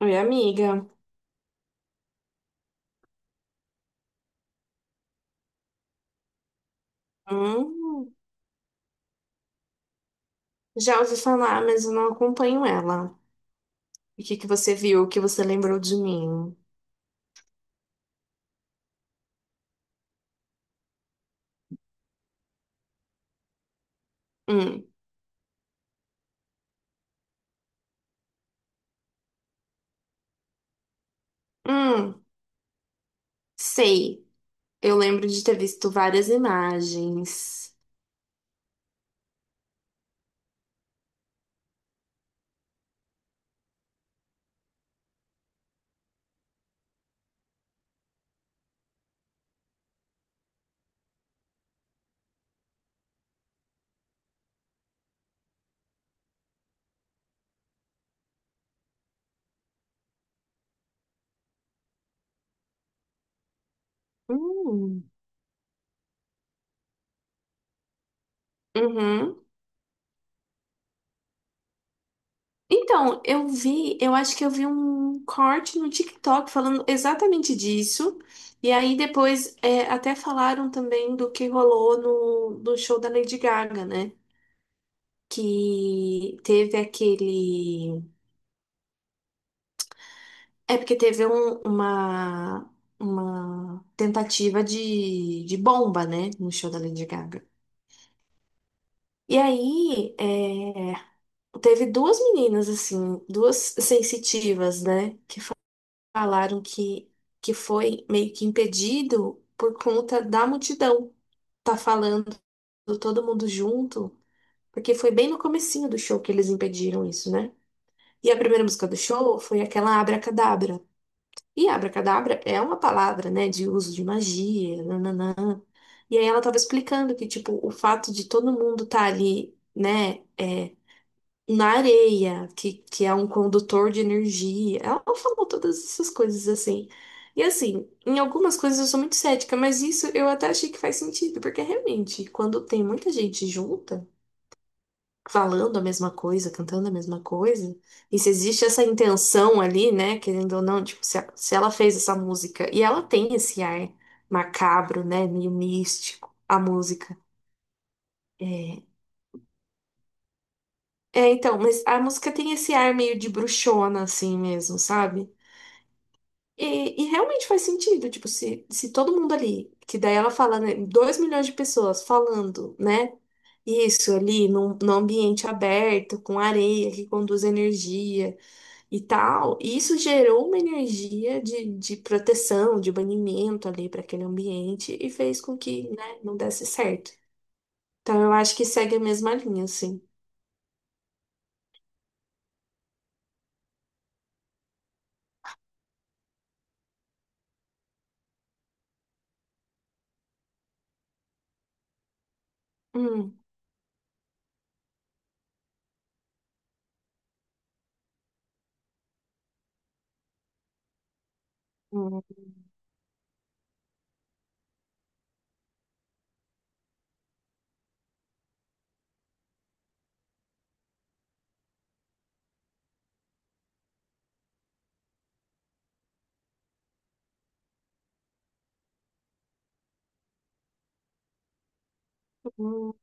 Oi, amiga. Hum, já ouvi falar, mas eu não acompanho ela. O que você viu? O que você lembrou de mim? Hum, hum, sei. Eu lembro de ter visto várias imagens. Hum, uhum. Então, eu vi, eu acho que eu vi um corte no TikTok falando exatamente disso. E aí depois até falaram também do que rolou no show da Lady Gaga, né? Que teve aquele. É porque teve uma tentativa de bomba, né, no show da Lady Gaga. E aí, teve duas meninas, assim, duas sensitivas, né, que falaram que foi meio que impedido por conta da multidão. Tá falando todo mundo junto, porque foi bem no comecinho do show que eles impediram isso, né? E a primeira música do show foi aquela Abracadabra. E abracadabra é uma palavra, né, de uso de magia, nananã. E aí ela estava explicando que, tipo, o fato de todo mundo estar ali, né, na areia, que é um condutor de energia. Ela falou todas essas coisas assim. E assim, em algumas coisas eu sou muito cética, mas isso eu até achei que faz sentido, porque realmente, quando tem muita gente junta, falando a mesma coisa, cantando a mesma coisa. E se existe essa intenção ali, né, querendo ou não, tipo, se, se ela fez essa música e ela tem esse ar macabro, né, meio místico, a música. É, é então, mas a música tem esse ar meio de bruxona, assim mesmo, sabe? E realmente faz sentido, tipo, se todo mundo ali, que daí ela fala, né, 2 milhões de pessoas falando, né, isso ali num ambiente aberto, com areia que conduz energia. E tal. E isso gerou uma energia de proteção, de banimento ali para aquele ambiente e fez com que, né, não desse certo. Então eu acho que segue a mesma linha, assim. Hum, hum, hum.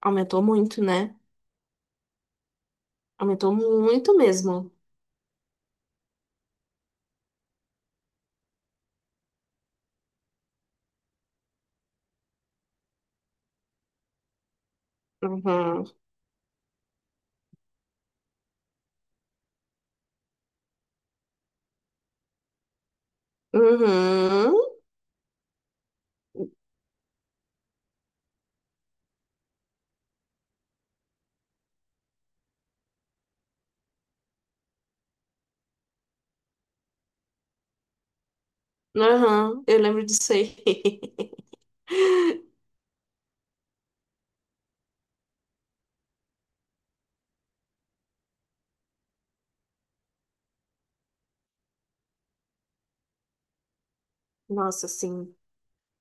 Aumentou muito, né? Aumentou muito mesmo. Uhum. Uhum. Uhum. Eu lembro disso aí. Nossa, assim,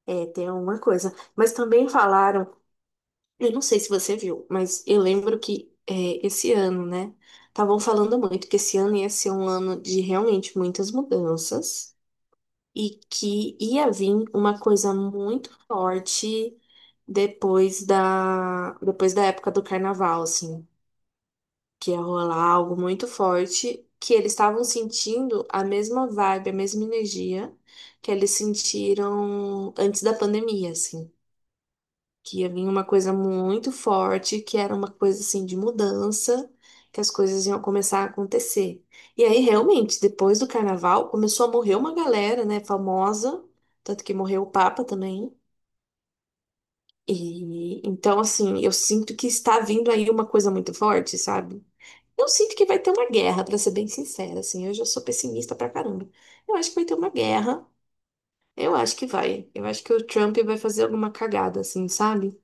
é, tem uma coisa. Mas também falaram. Eu não sei se você viu, mas eu lembro que esse ano, né? Estavam falando muito que esse ano ia ser um ano de realmente muitas mudanças e que ia vir uma coisa muito forte depois depois da época do carnaval, assim, que ia rolar algo muito forte, que eles estavam sentindo a mesma vibe, a mesma energia que eles sentiram antes da pandemia, assim que ia vir uma coisa muito forte, que era uma coisa assim de mudança, que as coisas iam começar a acontecer. E aí, realmente, depois do carnaval, começou a morrer uma galera, né, famosa, tanto que morreu o Papa também. E então, assim, eu sinto que está vindo aí uma coisa muito forte, sabe? Eu sinto que vai ter uma guerra, pra ser bem sincera, assim, eu já sou pessimista pra caramba. Eu acho que vai ter uma guerra. Eu acho que vai. Eu acho que o Trump vai fazer alguma cagada, assim, sabe?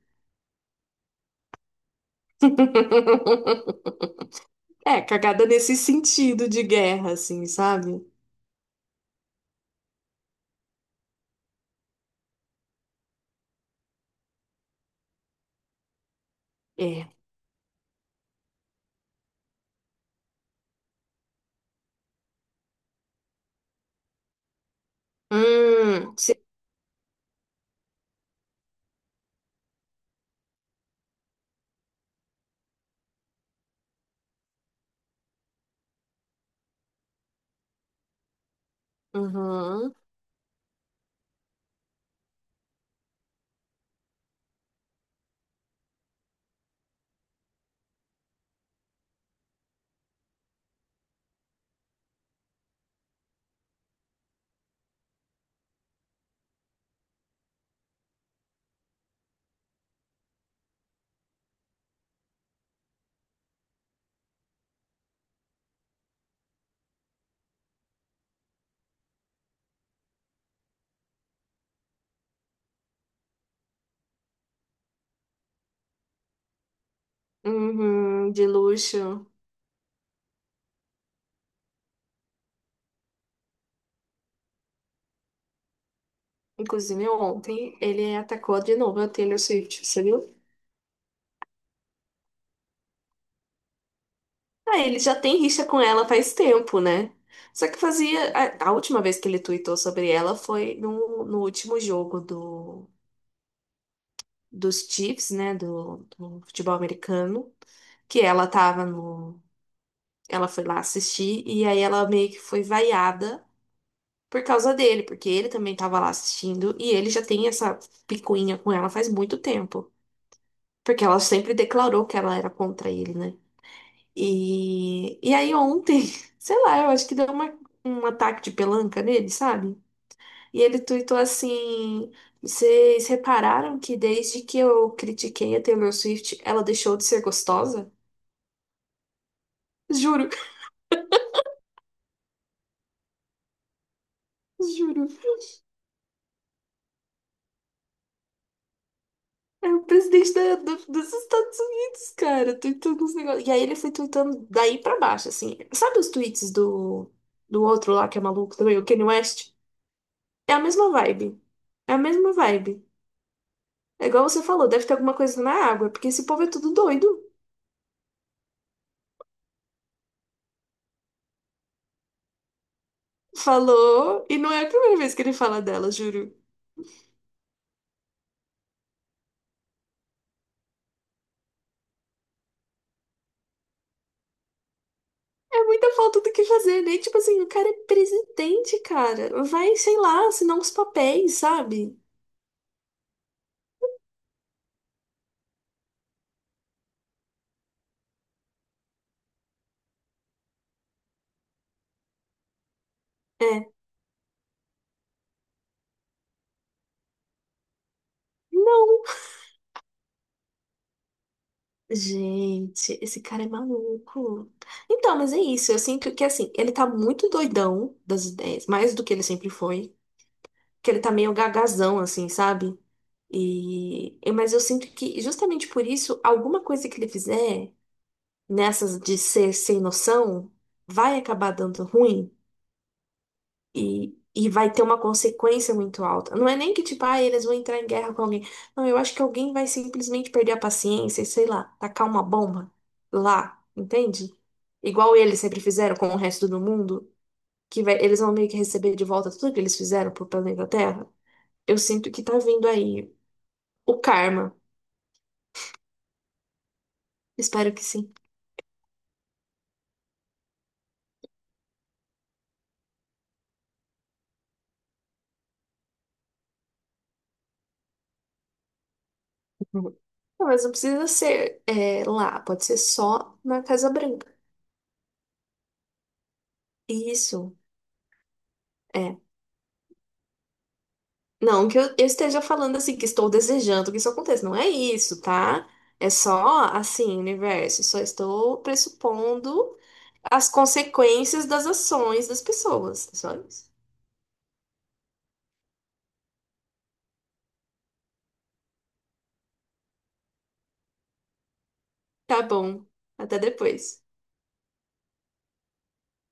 É, cagada nesse sentido de guerra, assim, sabe? É. Hum, se- uhum, uhum, de luxo. Inclusive, ontem ele atacou de novo a Taylor Swift, você viu? Ah, ele já tem rixa com ela faz tempo, né? Só que fazia. A última vez que ele tweetou sobre ela foi no último jogo do, dos Chiefs, né? Do futebol americano. Que ela tava no. Ela foi lá assistir e aí ela meio que foi vaiada por causa dele, porque ele também estava lá assistindo e ele já tem essa picuinha com ela faz muito tempo, porque ela sempre declarou que ela era contra ele, né? E aí ontem, sei lá, eu acho que deu uma, um ataque de pelanca nele, sabe? E ele tuitou assim: Vocês repararam que desde que eu critiquei a Taylor Swift, ela deixou de ser gostosa? Juro, juro. É o presidente dos Estados Unidos, cara, tweetando uns negócios. E aí ele foi tweetando daí pra baixo, assim. Sabe os tweets do outro lá que é maluco também, o Kanye West? É a mesma vibe. É a mesma vibe. É igual você falou, deve ter alguma coisa na água, porque esse povo é tudo doido. Falou, e não é a primeira vez que ele fala dela, juro. É muita falta do que fazer, né? Tipo assim, o cara é presidente, cara. Vai, sei lá, assinar uns papéis, sabe? É. Não. Gente, esse cara é maluco. Então, mas é isso. Eu sinto que, assim, ele tá muito doidão das ideias, mais do que ele sempre foi. Que ele tá meio gagazão, assim, sabe? Mas eu sinto que, justamente por isso, alguma coisa que ele fizer nessas de ser sem noção vai acabar dando ruim. E vai ter uma consequência muito alta. Não é nem que, tipo, ah, eles vão entrar em guerra com alguém. Não, eu acho que alguém vai simplesmente perder a paciência e, sei lá, tacar uma bomba lá, entende? Igual eles sempre fizeram com o resto do mundo, eles vão meio que receber de volta tudo que eles fizeram pro planeta Terra. Eu sinto que tá vindo aí o karma. Espero que sim. Uhum. Não, mas não precisa ser lá, pode ser só na Casa Branca. Isso. é, Não que eu esteja falando assim, que estou desejando que isso aconteça. Não é isso, tá? É só assim, universo. Só estou pressupondo as consequências das ações das pessoas. É só isso. Tá bom. Até depois.